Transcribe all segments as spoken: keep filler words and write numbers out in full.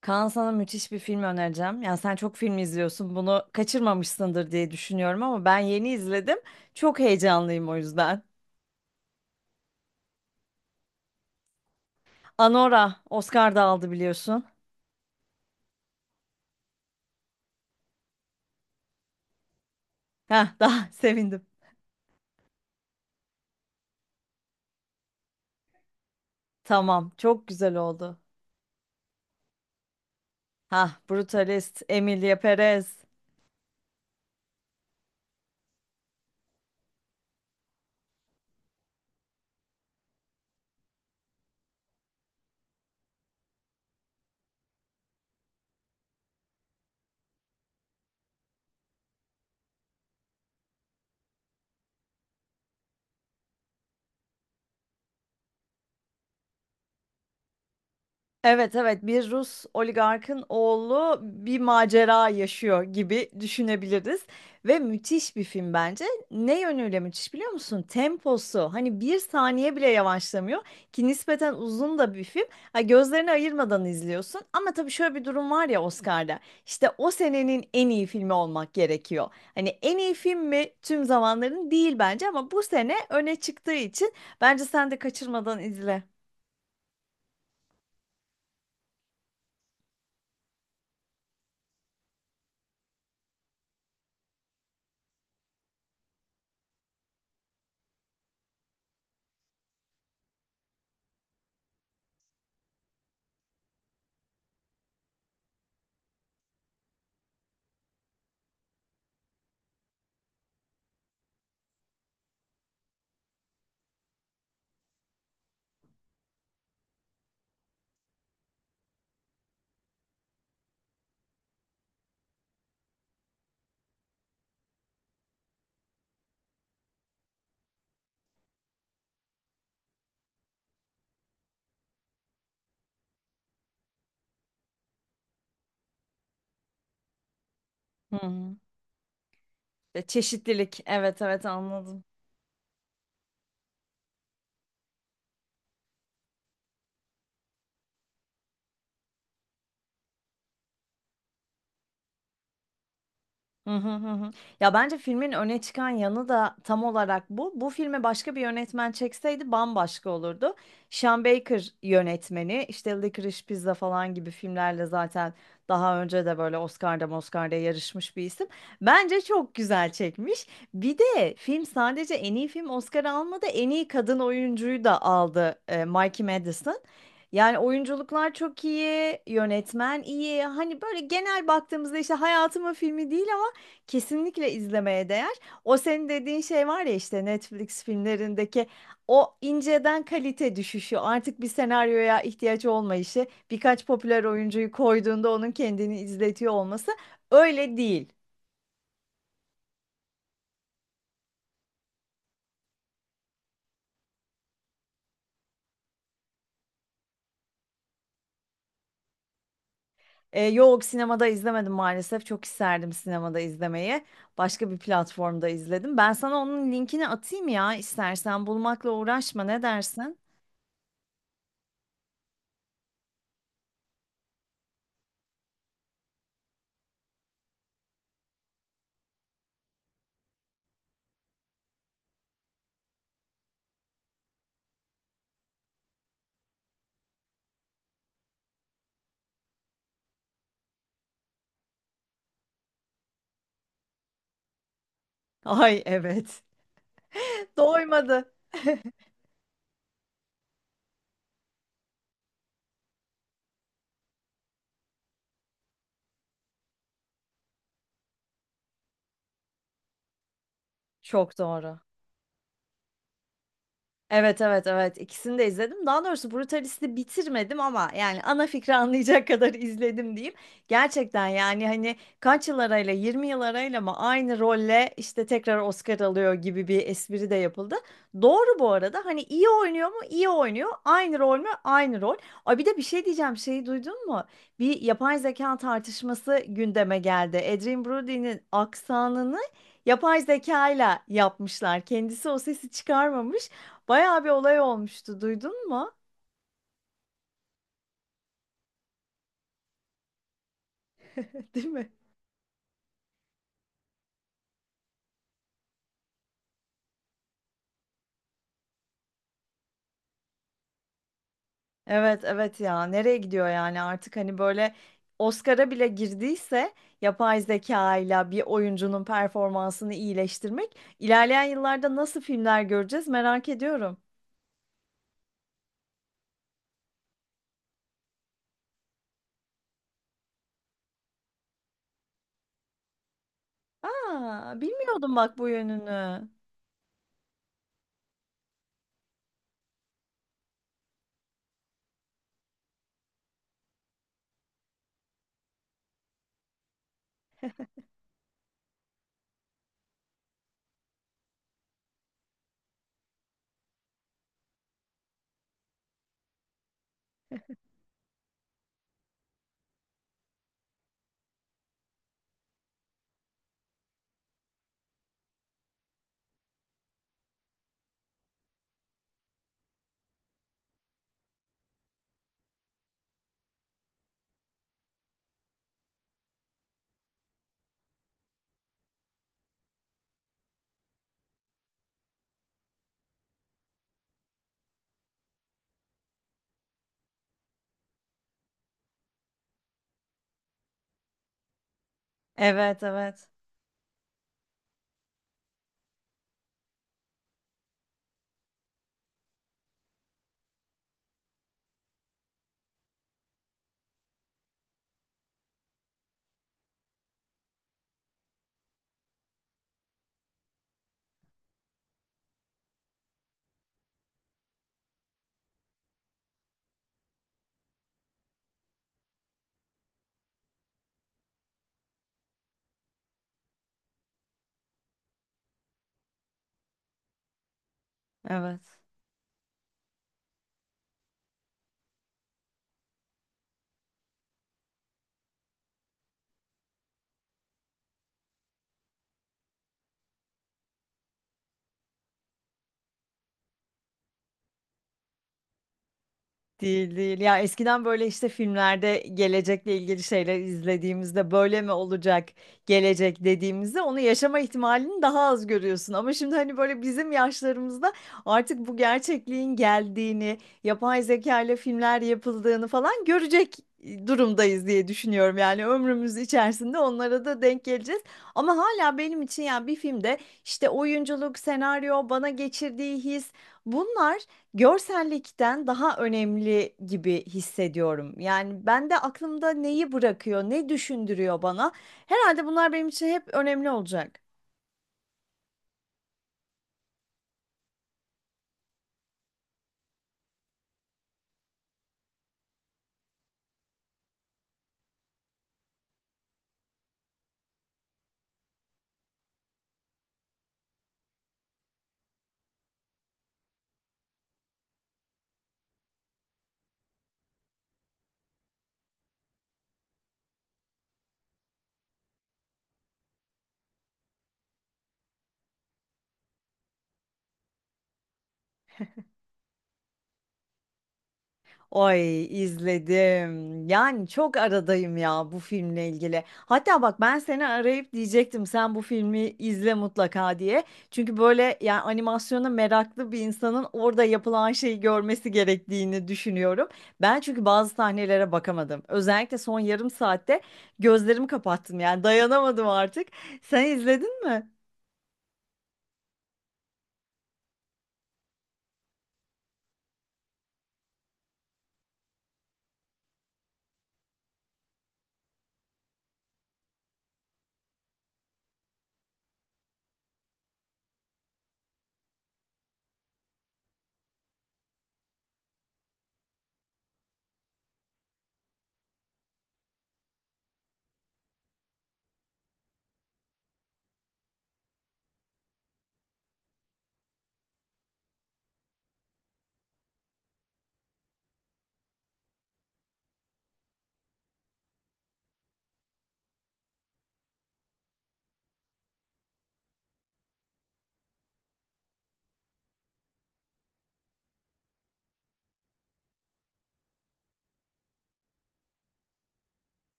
Kaan, sana müthiş bir film önereceğim. Yani sen çok film izliyorsun. Bunu kaçırmamışsındır diye düşünüyorum ama ben yeni izledim. Çok heyecanlıyım o yüzden. Anora Oscar da aldı biliyorsun. Heh, daha sevindim. Tamam, çok güzel oldu. Ha, Brutalist, Emilia Perez. Evet evet, bir Rus oligarkın oğlu bir macera yaşıyor gibi düşünebiliriz ve müthiş bir film bence. Ne yönüyle müthiş biliyor musun? Temposu hani bir saniye bile yavaşlamıyor ki nispeten uzun da bir film. Ha, gözlerini ayırmadan izliyorsun ama tabii şöyle bir durum var ya, Oscar'da işte o senenin en iyi filmi olmak gerekiyor. Hani en iyi film mi tüm zamanların? Değil bence, ama bu sene öne çıktığı için bence sen de kaçırmadan izle. Hı. Ya, çeşitlilik. Evet evet, anladım. Hı hı hı. Hı. Ya bence filmin öne çıkan yanı da tam olarak bu. Bu filme başka bir yönetmen çekseydi bambaşka olurdu. Sean Baker yönetmeni, işte Licorice Pizza falan gibi filmlerle zaten daha önce de böyle Oscar'da Oscar'da yarışmış bir isim. Bence çok güzel çekmiş. Bir de film sadece en iyi film Oscar almadı, en iyi kadın oyuncuyu da aldı, e, Mikey Madison. Yani oyunculuklar çok iyi, yönetmen iyi. Hani böyle genel baktığımızda işte hayatımın filmi değil. Kesinlikle izlemeye değer. O senin dediğin şey var ya, işte Netflix filmlerindeki o inceden kalite düşüşü, artık bir senaryoya ihtiyaç olmayışı, birkaç popüler oyuncuyu koyduğunda onun kendini izletiyor olması, öyle değil. Ee, yok, sinemada izlemedim maalesef. Çok isterdim sinemada izlemeyi. Başka bir platformda izledim. Ben sana onun linkini atayım ya, istersen bulmakla uğraşma, ne dersin? Ay evet. Doymadı. Çok doğru. Evet evet evet, ikisini de izledim. Daha doğrusu Brutalist'i bitirmedim ama yani ana fikri anlayacak kadar izledim diyeyim. Gerçekten yani hani kaç yıl arayla, yirmi yıl arayla mı aynı rolle işte tekrar Oscar alıyor gibi bir espri de yapıldı. Doğru bu arada, hani iyi oynuyor mu? İyi oynuyor. Aynı rol mü? Aynı rol. Ay, bir de bir şey diyeceğim, şeyi duydun mu? Bir yapay zeka tartışması gündeme geldi. Adrien Brody'nin aksanını yapay zekayla yapmışlar. Kendisi o sesi çıkarmamış. Bayağı bir olay olmuştu. Duydun mu? Değil mi? Evet evet, ya nereye gidiyor yani, artık hani böyle Oscar'a bile girdiyse yapay zeka ile bir oyuncunun performansını iyileştirmek, ilerleyen yıllarda nasıl filmler göreceğiz merak ediyorum. Aa, bilmiyordum bak bu yönünü. Evet evet evet. Değil değil. Ya eskiden böyle işte filmlerde gelecekle ilgili şeyler izlediğimizde, böyle mi olacak gelecek dediğimizde, onu yaşama ihtimalini daha az görüyorsun. Ama şimdi hani böyle bizim yaşlarımızda artık bu gerçekliğin geldiğini, yapay zeka ile filmler yapıldığını falan görecek durumdayız diye düşünüyorum. Yani ömrümüz içerisinde onlara da denk geleceğiz. Ama hala benim için yani bir filmde işte oyunculuk, senaryo, bana geçirdiği his, bunlar görsellikten daha önemli gibi hissediyorum. Yani ben de aklımda neyi bırakıyor, ne düşündürüyor bana. Herhalde bunlar benim için hep önemli olacak. Ay, izledim. Yani çok aradayım ya bu filmle ilgili. Hatta bak, ben seni arayıp diyecektim sen bu filmi izle mutlaka diye. Çünkü böyle yani animasyona meraklı bir insanın orada yapılan şeyi görmesi gerektiğini düşünüyorum. Ben çünkü bazı sahnelere bakamadım. Özellikle son yarım saatte gözlerimi kapattım, yani dayanamadım artık. Sen izledin mi?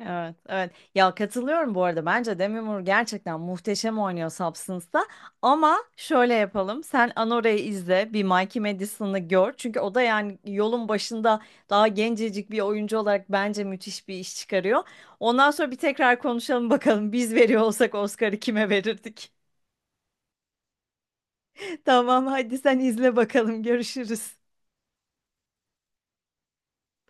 Evet, evet. Ya katılıyorum bu arada. Bence Demi Moore gerçekten muhteşem oynuyor Substance'da. Ama şöyle yapalım. Sen Anore'yi izle, bir Mikey Madison'ı gör. Çünkü o da yani yolun başında, daha gencecik bir oyuncu olarak bence müthiş bir iş çıkarıyor. Ondan sonra bir tekrar konuşalım bakalım. Biz veriyor olsak Oscar'ı kime verirdik? Tamam, hadi sen izle bakalım. Görüşürüz.